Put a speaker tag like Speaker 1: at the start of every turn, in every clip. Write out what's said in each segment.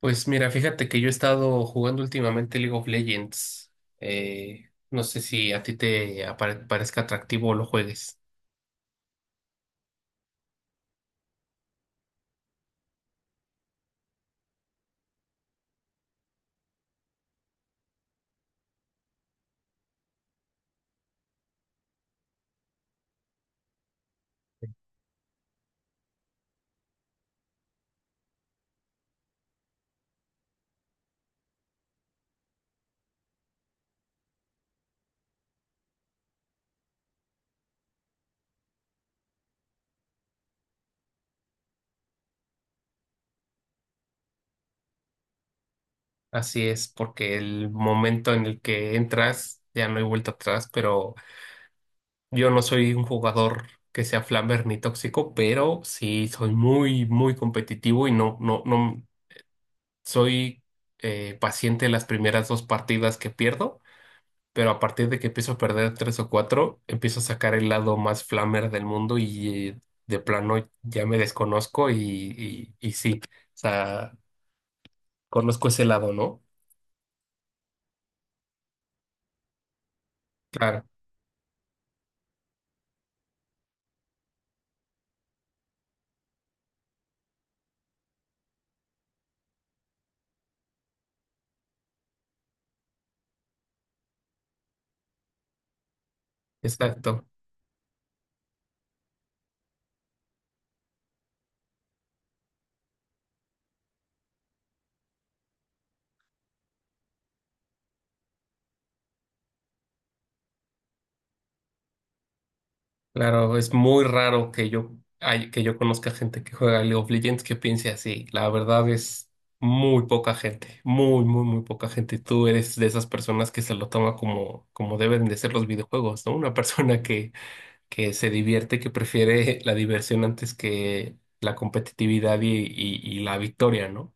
Speaker 1: Pues mira, fíjate que yo he estado jugando últimamente League of Legends. No sé si a ti parezca atractivo o lo juegues. Así es, porque el momento en el que entras ya no hay vuelta atrás, pero yo no soy un jugador que sea flamber ni tóxico, pero sí soy muy, muy competitivo y no soy paciente en las primeras dos partidas que pierdo, pero a partir de que empiezo a perder tres o cuatro, empiezo a sacar el lado más flamer del mundo y, de plano ya me desconozco y, y sí, o sea, conozco ese lado, ¿no? Claro, exacto. Claro, es muy raro que que yo conozca gente que juega League of Legends que piense así. La verdad es muy poca gente, muy poca gente. Tú eres de esas personas que se lo toma como, como deben de ser los videojuegos, ¿no? Una persona que se divierte, que prefiere la diversión antes que la competitividad y la victoria, ¿no?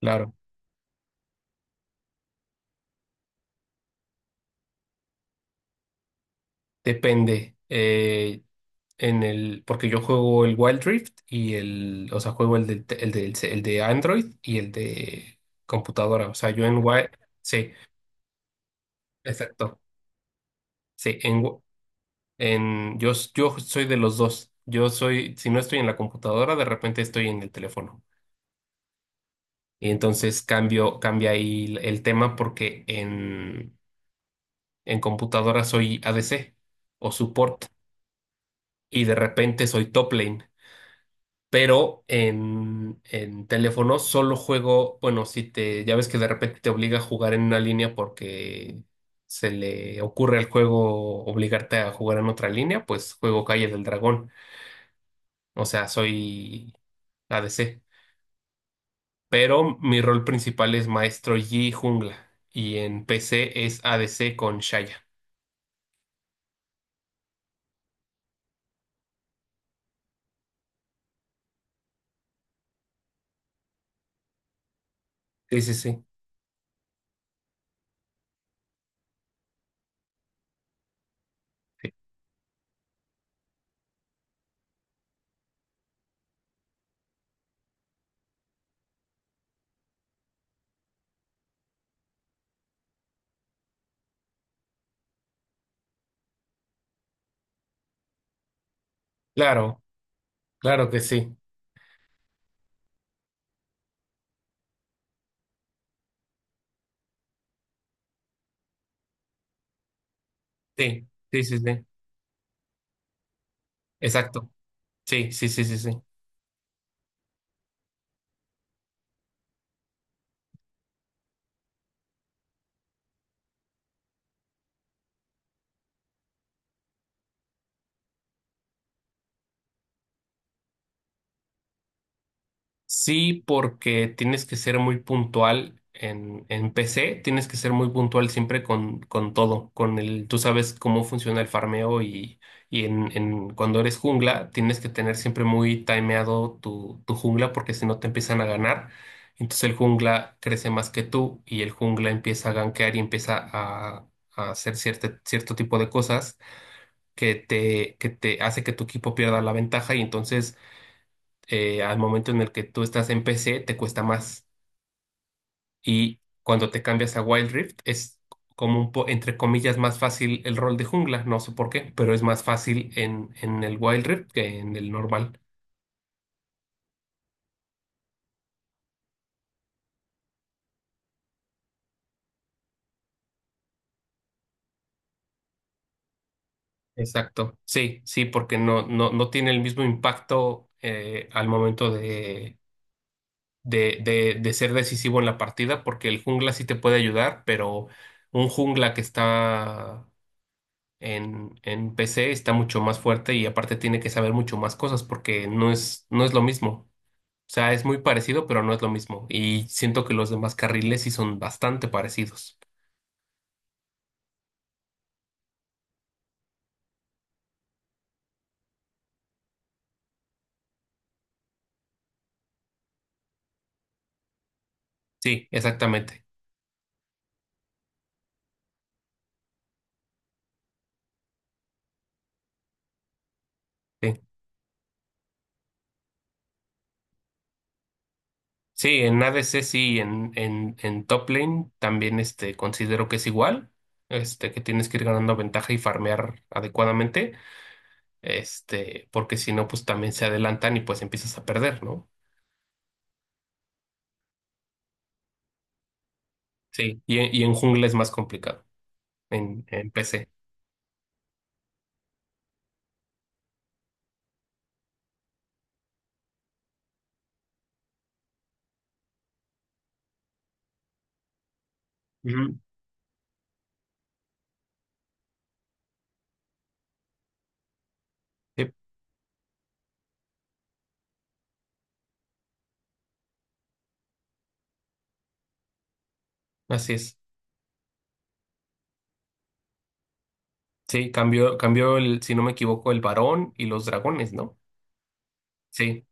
Speaker 1: Claro, depende. En el, porque yo juego el Wild Rift y juego el del, te- el del, ce- el de Android y el de computadora. O sea, yo en Wild, sí, exacto. Sí, en yo soy de los dos. Yo soy, si no estoy en la computadora, de repente estoy en el teléfono. Y entonces cambia ahí el tema porque en computadora soy ADC o support y de repente soy top lane. Pero en teléfono solo juego, bueno, si te, ya ves que de repente te obliga a jugar en una línea porque se le ocurre al juego obligarte a jugar en otra línea, pues juego Calle del Dragón. O sea, soy ADC. Pero mi rol principal es maestro Yi jungla. Y en PC es ADC con Shaya. Sí, sí, sí. Claro, claro que sí. Sí, sí, sí, sí. Exacto. Sí, sí, sí, sí, sí. Sí, porque tienes que ser muy puntual en, PC, tienes que ser muy puntual siempre con todo, con el, tú sabes cómo funciona el farmeo y, cuando eres jungla, tienes que tener siempre muy timeado tu jungla porque si no te empiezan a ganar. Entonces el jungla crece más que tú y el jungla empieza a gankear y empieza a hacer cierto tipo de cosas que que te hace que tu equipo pierda la ventaja y entonces, al momento en el que tú estás en PC te cuesta más. Y cuando te cambias a Wild Rift es como un po, entre comillas, más fácil el rol de jungla, no sé por qué, pero es más fácil en, el Wild Rift que en el normal. Exacto. Sí, sí, porque no tiene el mismo impacto, al momento de ser decisivo en la partida, porque el jungla sí te puede ayudar, pero un jungla que está en PC está mucho más fuerte y aparte tiene que saber mucho más cosas porque no es, no es lo mismo. O sea, es muy parecido, pero no es lo mismo. Y siento que los demás carriles sí son bastante parecidos. Sí, exactamente. Sí, sí, en ADC sí, en, en top lane también, este, considero que es igual. Este, que tienes que ir ganando ventaja y farmear adecuadamente. Este, porque si no, pues también se adelantan y pues empiezas a perder, ¿no? Sí, y en jungla es más complicado en PC. Ujú. Sí, así es. Sí, cambió el, si no me equivoco, el varón y los dragones, ¿no? Sí.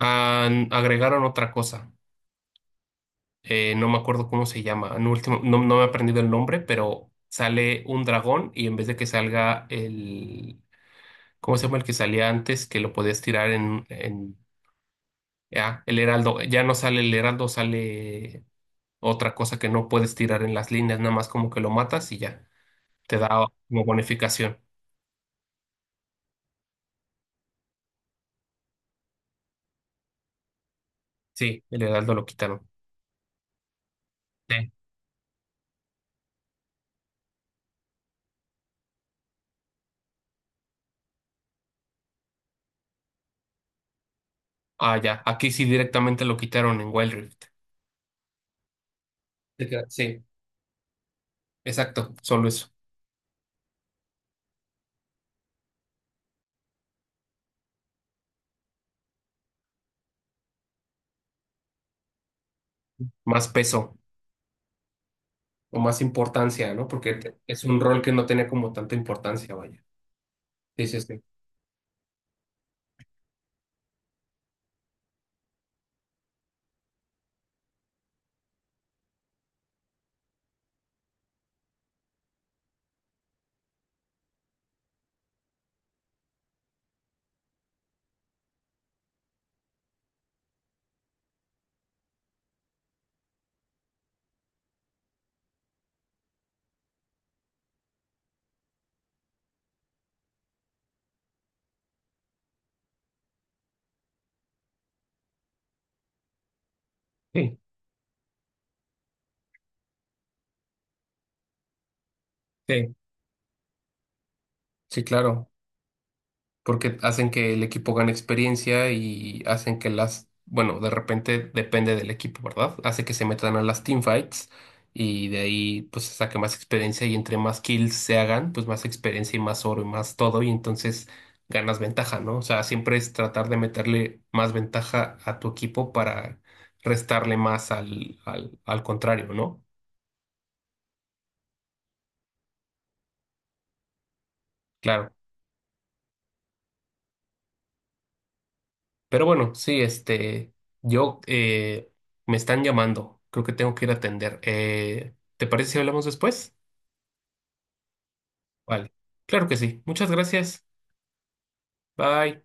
Speaker 1: Han- agregaron otra cosa. No me acuerdo cómo se llama. En último, no, no me he aprendido el nombre, pero sale un dragón y en vez de que salga ¿cómo se llama el que salía antes? Que lo podías tirar en, ya, el heraldo. Ya no sale el heraldo, sale otra cosa que no puedes tirar en las líneas, nada más como que lo matas y ya. Te da como bonificación. Sí, el heraldo lo quitaron. Sí. Ah, ya. Aquí sí directamente lo quitaron en Wild Rift. Te queda- sí, exacto. Solo eso. Más peso o más importancia, ¿no? Porque te- es un rol que no tenía como tanta importancia, vaya. Sí, sí, sí. Sí, sí, sí, claro. Porque hacen que el equipo gane experiencia y hacen que las, bueno, de repente depende del equipo, ¿verdad? Hace que se metan a las teamfights y de ahí pues se saque más experiencia y entre más kills se hagan, pues más experiencia y más oro y más todo y entonces ganas ventaja, ¿no? O sea, siempre es tratar de meterle más ventaja a tu equipo para restarle más al, al contrario, ¿no? Claro. Pero bueno, sí, este, yo, me están llamando, creo que tengo que ir a atender. ¿Te parece si hablamos después? Vale, claro que sí. Muchas gracias. Bye.